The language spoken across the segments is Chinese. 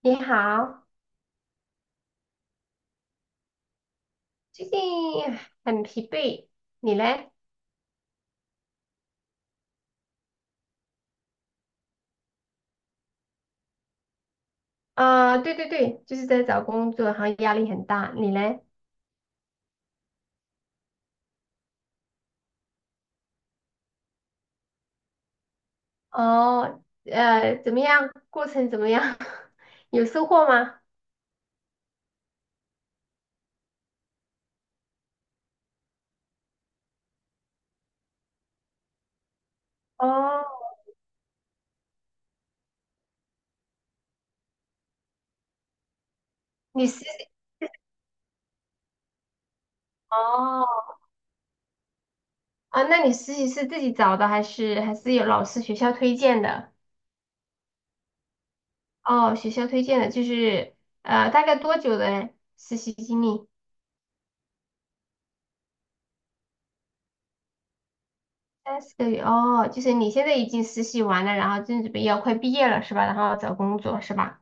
你好，最近很疲惫，你嘞？啊、对对对，就是在找工作，然后压力很大，你嘞？哦，怎么样？过程怎么样？有收获吗？哦，你实习哦啊，那你实习是自己找的，还是有老师学校推荐的？哦，学校推荐的，就是大概多久的实习经历？三四个月哦，就是你现在已经实习完了，然后正准备要快毕业了是吧？然后找工作是吧？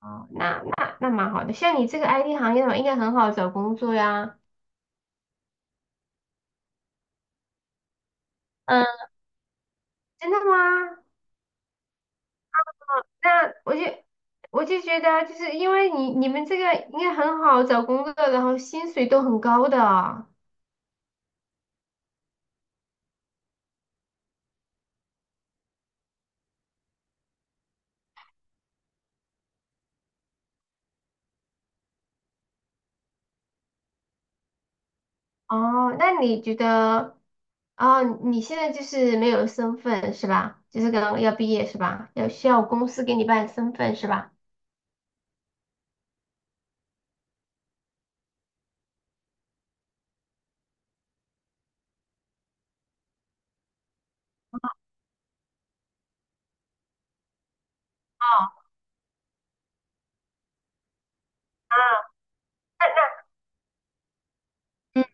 哦，那蛮好的。像你这个 IT 行业的话，应该很好找工作呀。嗯，真的吗？那我就觉得啊，就是因为你们这个应该很好找工作，然后薪水都很高的。哦，那你觉得，哦，你现在就是没有身份是吧？就是刚刚要毕业是吧？要需要公司给你办身份是吧？哦，那那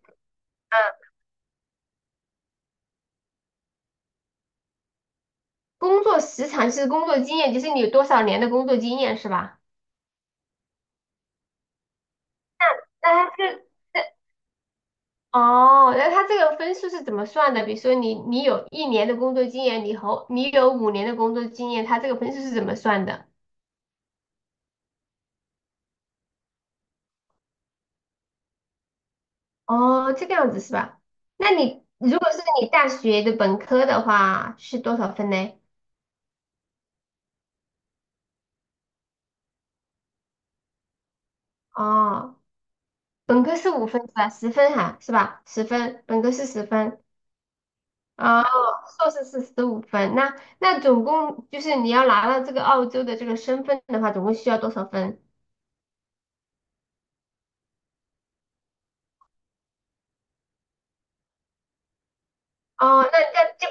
工作时长是工作经验，就是你有多少年的工作经验是吧？那这哦，那他这个分数是怎么算的？比如说你有一年的工作经验，你和你有五年的工作经验，他这个分数是怎么算的？哦，这个样子是吧？那你如果是你大学的本科的话是多少分呢？哦，本科是五分是吧？十分哈是吧？十分，本科是十分。哦，硕士是十五分。那总共就是你要拿到这个澳洲的这个身份的话，总共需要多少分？哦，那那就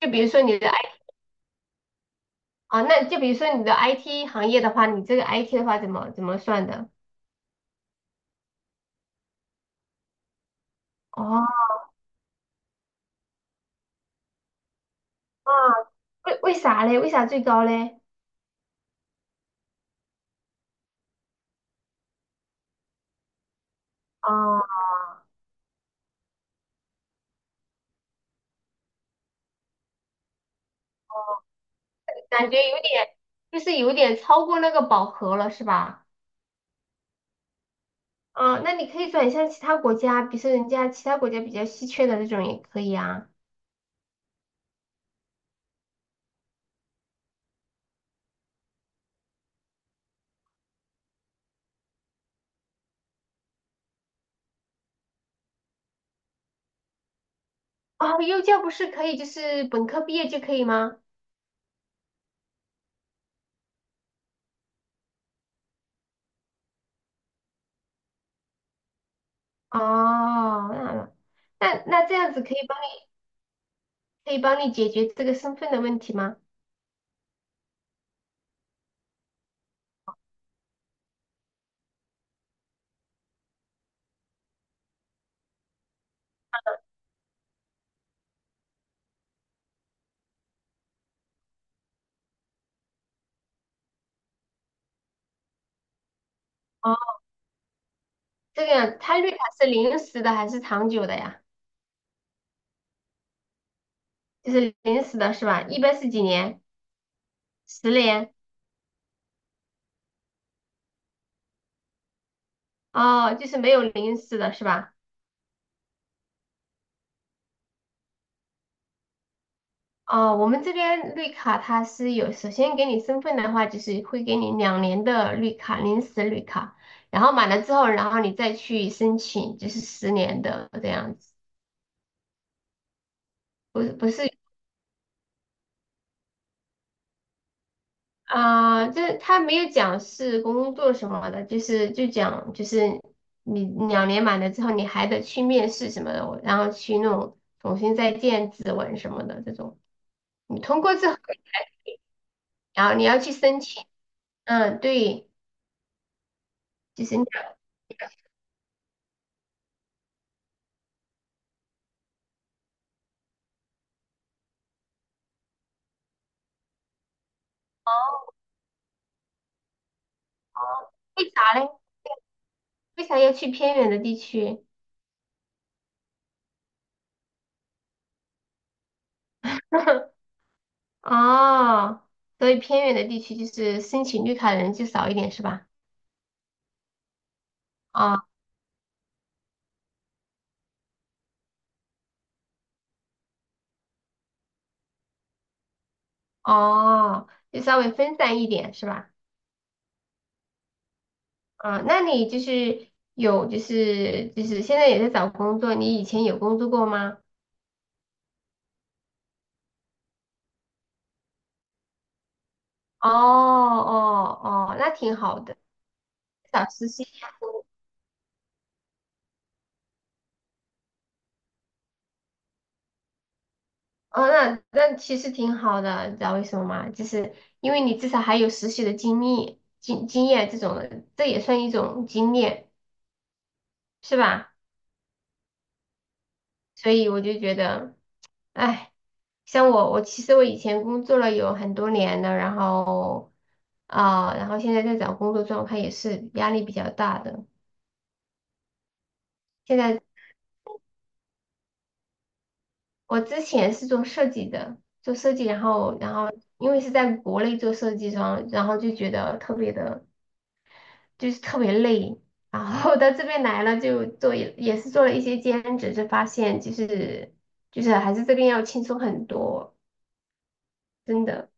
就比如说你的。啊，那就比如说你的 IT 行业的话，你这个 IT 的话怎么算的？哦，啊为啥嘞？为啥最高嘞？哦，感觉有点，就是有点超过那个饱和了，是吧？嗯，那你可以转向其他国家，比如说人家其他国家比较稀缺的那种也可以啊。啊，幼教不是可以就是本科毕业就可以吗？哦，那这样子可以帮你解决这个身份的问题吗？哦，这个样，他绿卡是临时的还是长久的呀？就是临时的是吧？一般是几年？十年？哦，就是没有临时的是吧？哦，我们这边绿卡它是有，首先给你身份的话，就是会给你两年的绿卡，临时绿卡，然后满了之后，然后你再去申请，就是十年的这样子，不是不是啊，这、他没有讲是工作什么的，就是你两年满了之后，你还得去面试什么的，然后去那种重新再建指纹什么的这种。你通过之后，然后你要去申请。嗯，对，就是你要哦为啥嘞？为啥要去偏远的地区？哦，所以偏远的地区就是申请绿卡的人就少一点是吧？哦哦，就稍微分散一点是吧？啊，那你就是有就是现在也在找工作，你以前有工作过吗？哦哦哦，那挺好的，找实习。哦，那其实挺好的，你知道为什么吗？就是因为你至少还有实习的经历、经验这种的，这也算一种经验，是吧？所以我就觉得，哎，像我其实我以前工作了有很多年了，然后啊、然后现在在找工作状态也是压力比较大的。现在我之前是做设计的，做设计，然后因为是在国内做设计，装，然后就觉得特别的。就是特别累。然后到这边来了，就做也是做了一些兼职，就发现就是还是这边要轻松很多，真的。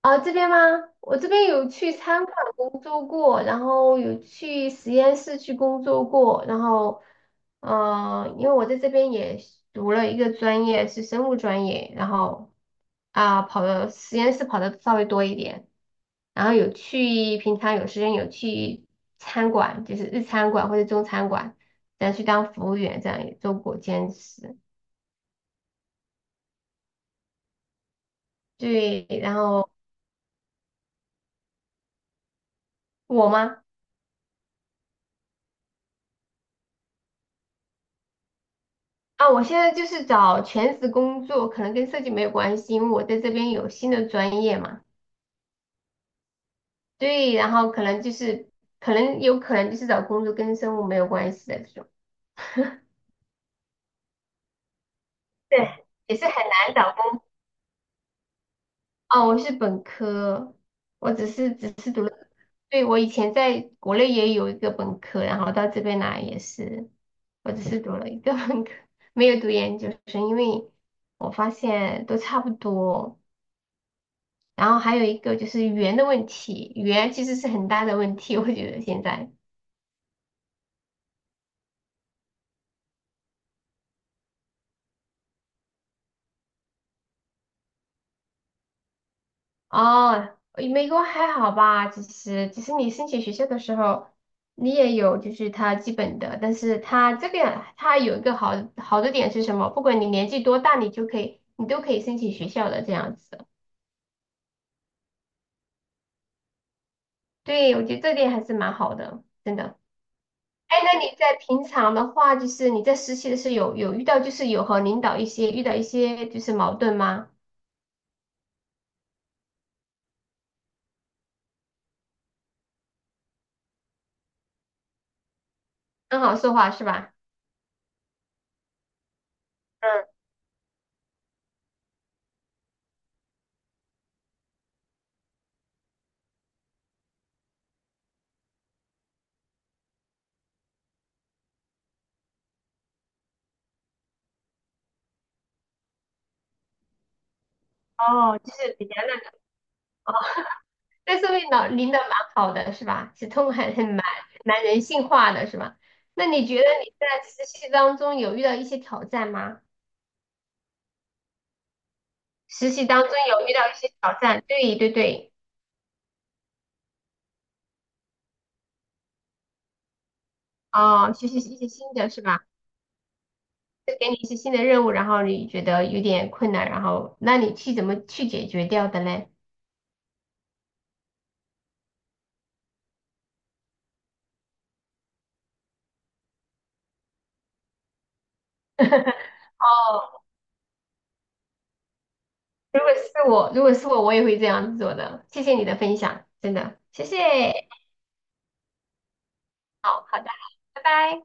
啊，这边吗？我这边有去餐馆工作过，然后有去实验室去工作过，然后，因为我在这边也读了一个专业是生物专业，然后啊，跑的实验室跑的稍微多一点，然后有去平常有时间有去餐馆，就是日餐馆或者中餐馆，然后去当服务员，这样也做过兼职。对，然后我吗？啊，我现在就是找全职工作，可能跟设计没有关系，因为我在这边有新的专业嘛。对，然后可能有可能就是找工作跟生物没有关系的这种。对，也是很难找工。哦，我是本科，我只是读了，对，我以前在国内也有一个本科，然后到这边来也是，我只是读了一个本科，没有读研究生，因为我发现都差不多。然后还有一个就是语言的问题，语言其实是很大的问题，我觉得现在哦，美国还好吧，其实你申请学校的时候，你也有就是它基本的，但是它这个它有一个好好的点是什么？不管你年纪多大，你都可以申请学校的这样子。对，我觉得这点还是蛮好的，真的。哎，那你在平常的话，就是你在实习的时候有遇到就是有和领导一些遇到一些就是矛盾吗？很好说话是吧？嗯。哦，就是比较那个，但是领导蛮好的是吧？是通很蛮人性化的是吧？那你觉得你在实习当中有遇到一些挑战吗？实习当中有遇到一些挑战，对对对，哦，学习一些新的是吧？就给你一些新的任务，然后你觉得有点困难，然后那你去怎么去解决掉的嘞？哦，如果是我，如果是我，我也会这样子做的。谢谢你的分享，真的，谢谢。好好的，拜拜。